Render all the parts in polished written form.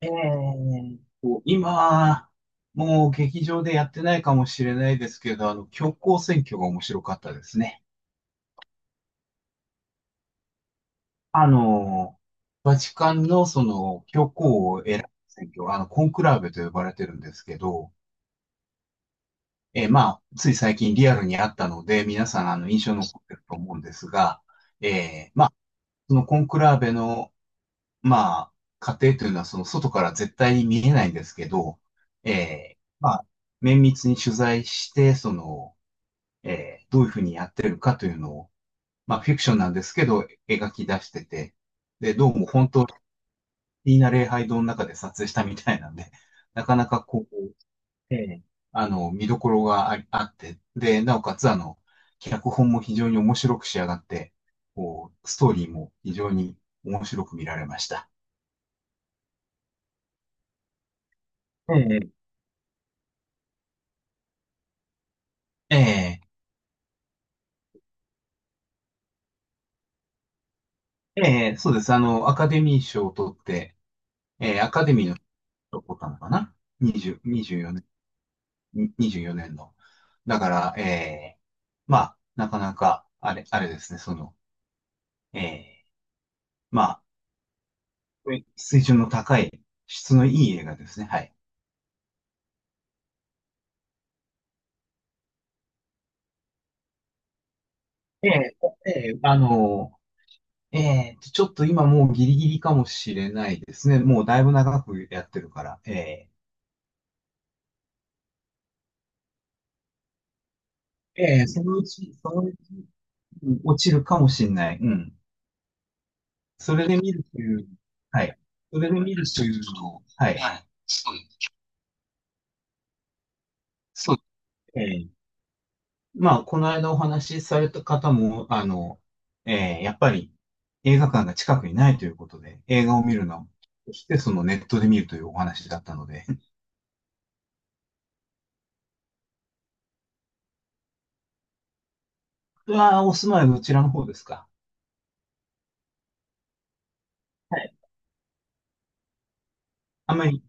ええ。今、もう劇場でやってないかもしれないですけど、教皇選挙が面白かったですね。あの、バチカンのその教皇を選ぶ選挙、コンクラーベと呼ばれてるんですけど、まあ、つい最近リアルにあったので、皆さん印象に残ってると思うんですが、まあそのコンクラーベの、まあ、過程というのはその外から絶対に見えないんですけど、まあ、綿密に取材して、その、どういうふうにやってるかというのを、まあ、フィクションなんですけど、描き出してて、で、どうも本当、いいな礼拝堂の中で撮影したみたいなんで、なかなかこう、えー見どころがありあって、で、なおかつ、脚本も非常に面白く仕上がって、こう、ストーリーも非常に面白く見られました。ええ、ええ、ええ、そうです。アカデミー賞を取って、ええ、アカデミーの賞を取ったのかな？ 20、24年、24年の。だから、まあ、なかなか、あれですね、その、えー、まあ、はい、水準の高い、質のいい映画ですね、はい。ええええ、ちょっと今もうギリギリかもしれないですね。もうだいぶ長くやってるから、ええええ、そのうち、そのうち、うん、落ちるかもしれない。うん。それで見るという、はい。それで見るというのを、はい。はい。そうです、そうです、ええ。まあ、この間お話しされた方も、やっぱり映画館が近くにないということで、映画を見るのはそして、そのネットで見るというお話だったので、うお住まいはどちらの方ですか？はい。あんまり、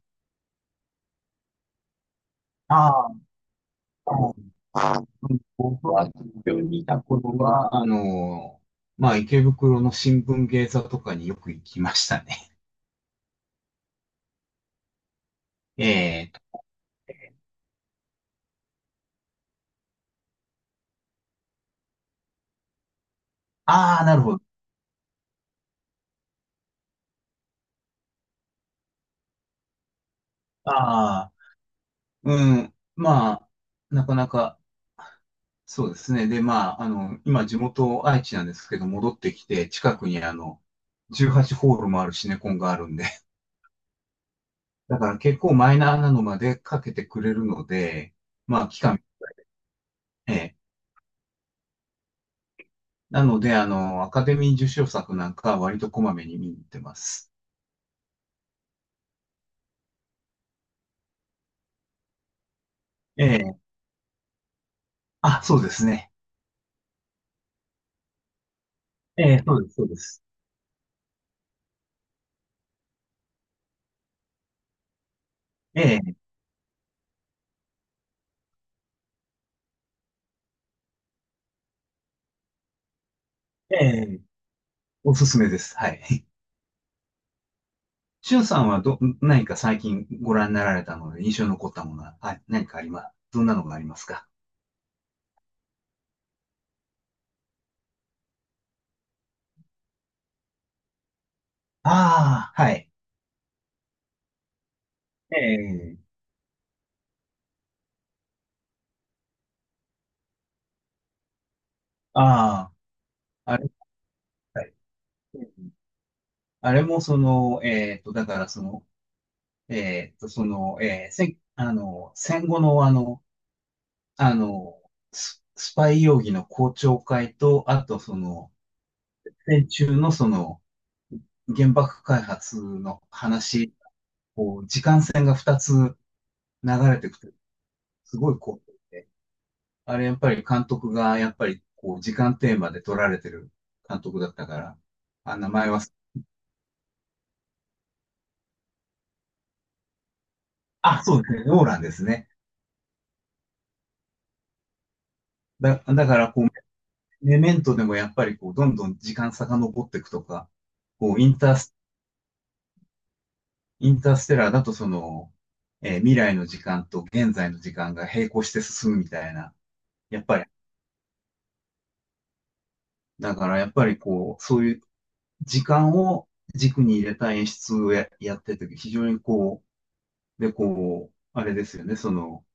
ああ、あ僕あ、は、病にいたこ頃は、まあ、池袋の新聞芸座とかによく行きましたね。えーと、ああ、なるほど。ああ、うん、まあ、なかなか、そうですね。で、まあ、今、地元愛知なんですけど、戻ってきて、近くに18ホールもあるシネコンがあるんで、だから結構マイナーなのまでかけてくれるので、まあ、期間、ええ。なので、アカデミー受賞作なんかは割とこまめに見に行ってます。ええ。あ、そうですね。ええ、そうです、そうです。ええ、ええ、おすすめです。はい。しゅんさんは何か最近ご覧になられたので印象に残ったものは、はい、何かあります、どんなのがありますか？ああ、はい。ええ、ああ、あれ、はい、うん、あれもその、だからその、その、戦後のあの、スパイ容疑の公聴会と、あとその、戦中のその、原爆開発の話、こう、時間線が2つ流れてくて、すごいこう、あれやっぱり監督が、やっぱり、こう、時間テーマで撮られてる監督だったから、あ、名前忘、あ、そうですね。ローランですね。だから、こう、メメントでもやっぱり、こう、どんどん時間遡っていくとか、こう、インターステラーだと、その、未来の時間と現在の時間が並行して進むみたいな、やっぱり、だから、やっぱり、こう、そういう時間を軸に入れた演出をやってて、非常にこう、で、こう、あれですよね、その、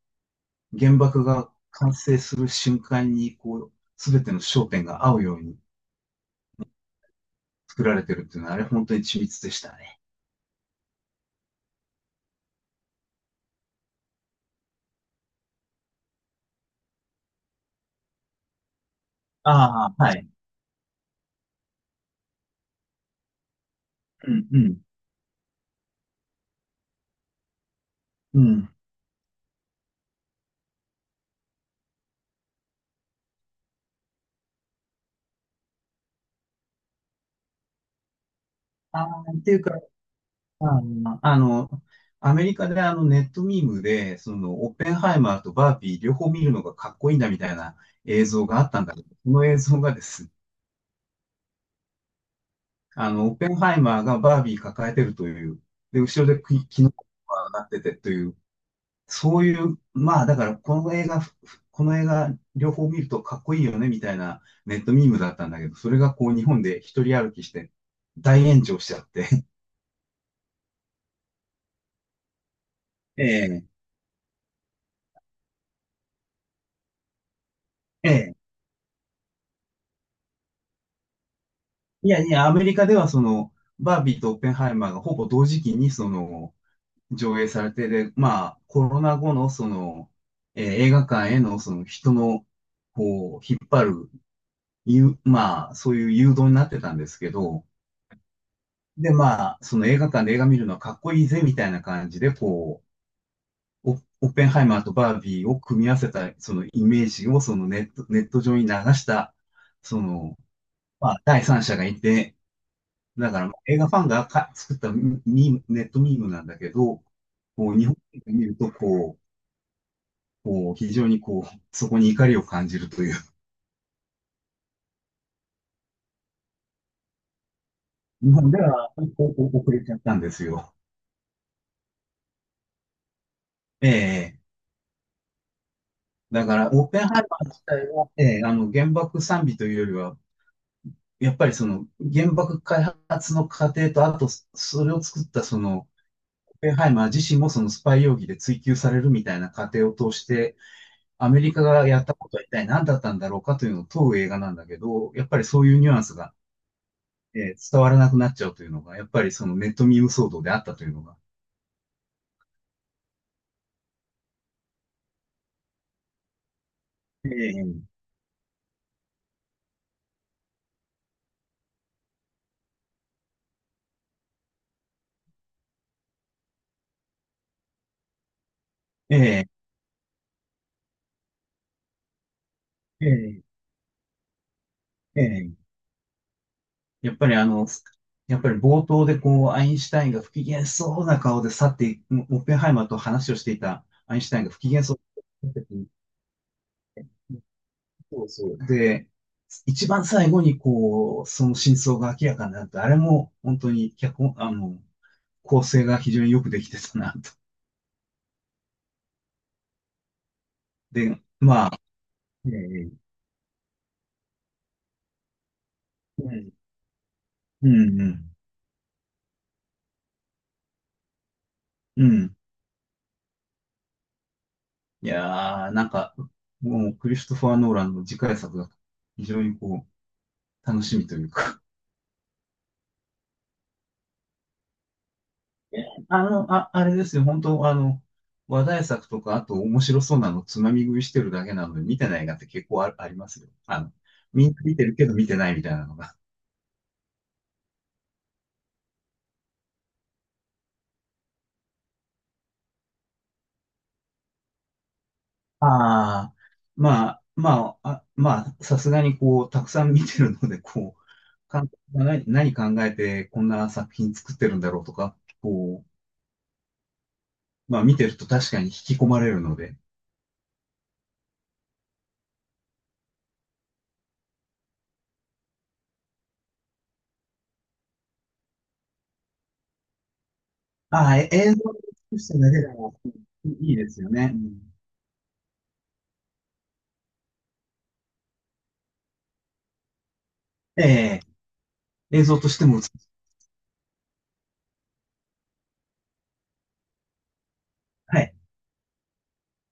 原爆が完成する瞬間に、こう、すべての焦点が合うように、作られてるっていうのは、あれ本当に緻密でしたね。ああ、はい。うんうん。うん。ああ、っていうか、あの、あのアメリカでネットミームで、そのオッペンハイマーとバービー両方見るのがかっこいいんだみたいな映像があったんだけど、その映像がですね、オッペンハイマーがバービー抱えてるという、で、後ろでキノコがなっててという、そういう、まあだからこの映画、この映画両方見るとかっこいいよねみたいなネットミームだったんだけど、それがこう日本で一人歩きして大炎上しちゃって。ええ、ええ。いやいや、アメリカではその、バービーとオッペンハイマーがほぼ同時期にその、上映されて、で、まあ、コロナ後のその、映画館へのその人の、こう、引っ張る、いう、まあ、そういう誘導になってたんですけど、で、まあ、その映画館で映画見るのはかっこいいぜ、みたいな感じで、こう、オッペンハイマーとバービーを組み合わせた、そのイメージを、ネット上に流した、その、まあ、第三者がいて、だから、映画ファンが作ったミーム、ネットミームなんだけど、こう、日本で見ると、こう、こう、非常にこう、そこに怒りを感じるという。日本では、こう、遅れちゃったんですよ。ええ。だから、オッペンハイマー自体は、ええ、原爆賛美というよりは、やっぱりその原爆開発の過程と、あとそれを作ったそのオペンハイマー自身もそのスパイ容疑で追及されるみたいな過程を通して、アメリカがやったことは一体何だったんだろうかというのを問う映画なんだけど、やっぱりそういうニュアンスが、伝わらなくなっちゃうというのが、やっぱりそのネットミーム騒動であったというのが。ええええええええ、やっぱりやっぱり冒頭でこう、アインシュタインが不機嫌そうな顔で去っていく、オッペンハイマーと話をしていたアインシュタインが不機嫌そうな時、そうそう。で、一番最後にこう、その真相が明らかになると、あれも本当に脚本、構成が非常によくできてたなと。で、ええ、うん、うん、うん。うん、いやー、なんか、もうクリストファー・ノーランの次回作が非常にこう、楽しみというか、あ、あれですよ、本当話題作とか、あと面白そうなのつまみ食いしてるだけなので、見てない映画って結構ありますよ。みんな見てるけど見てないみたいなのが。ああ、まあ、まあ、まあ、さすがにこう、たくさん見てるので、こう、監督が何考えてこんな作品作ってるんだろうとか、こう、まあ見てると確かに引き込まれるので。ああ、映像としてだけでもいいですよね。うん、ええ、映像としても美しい。はい。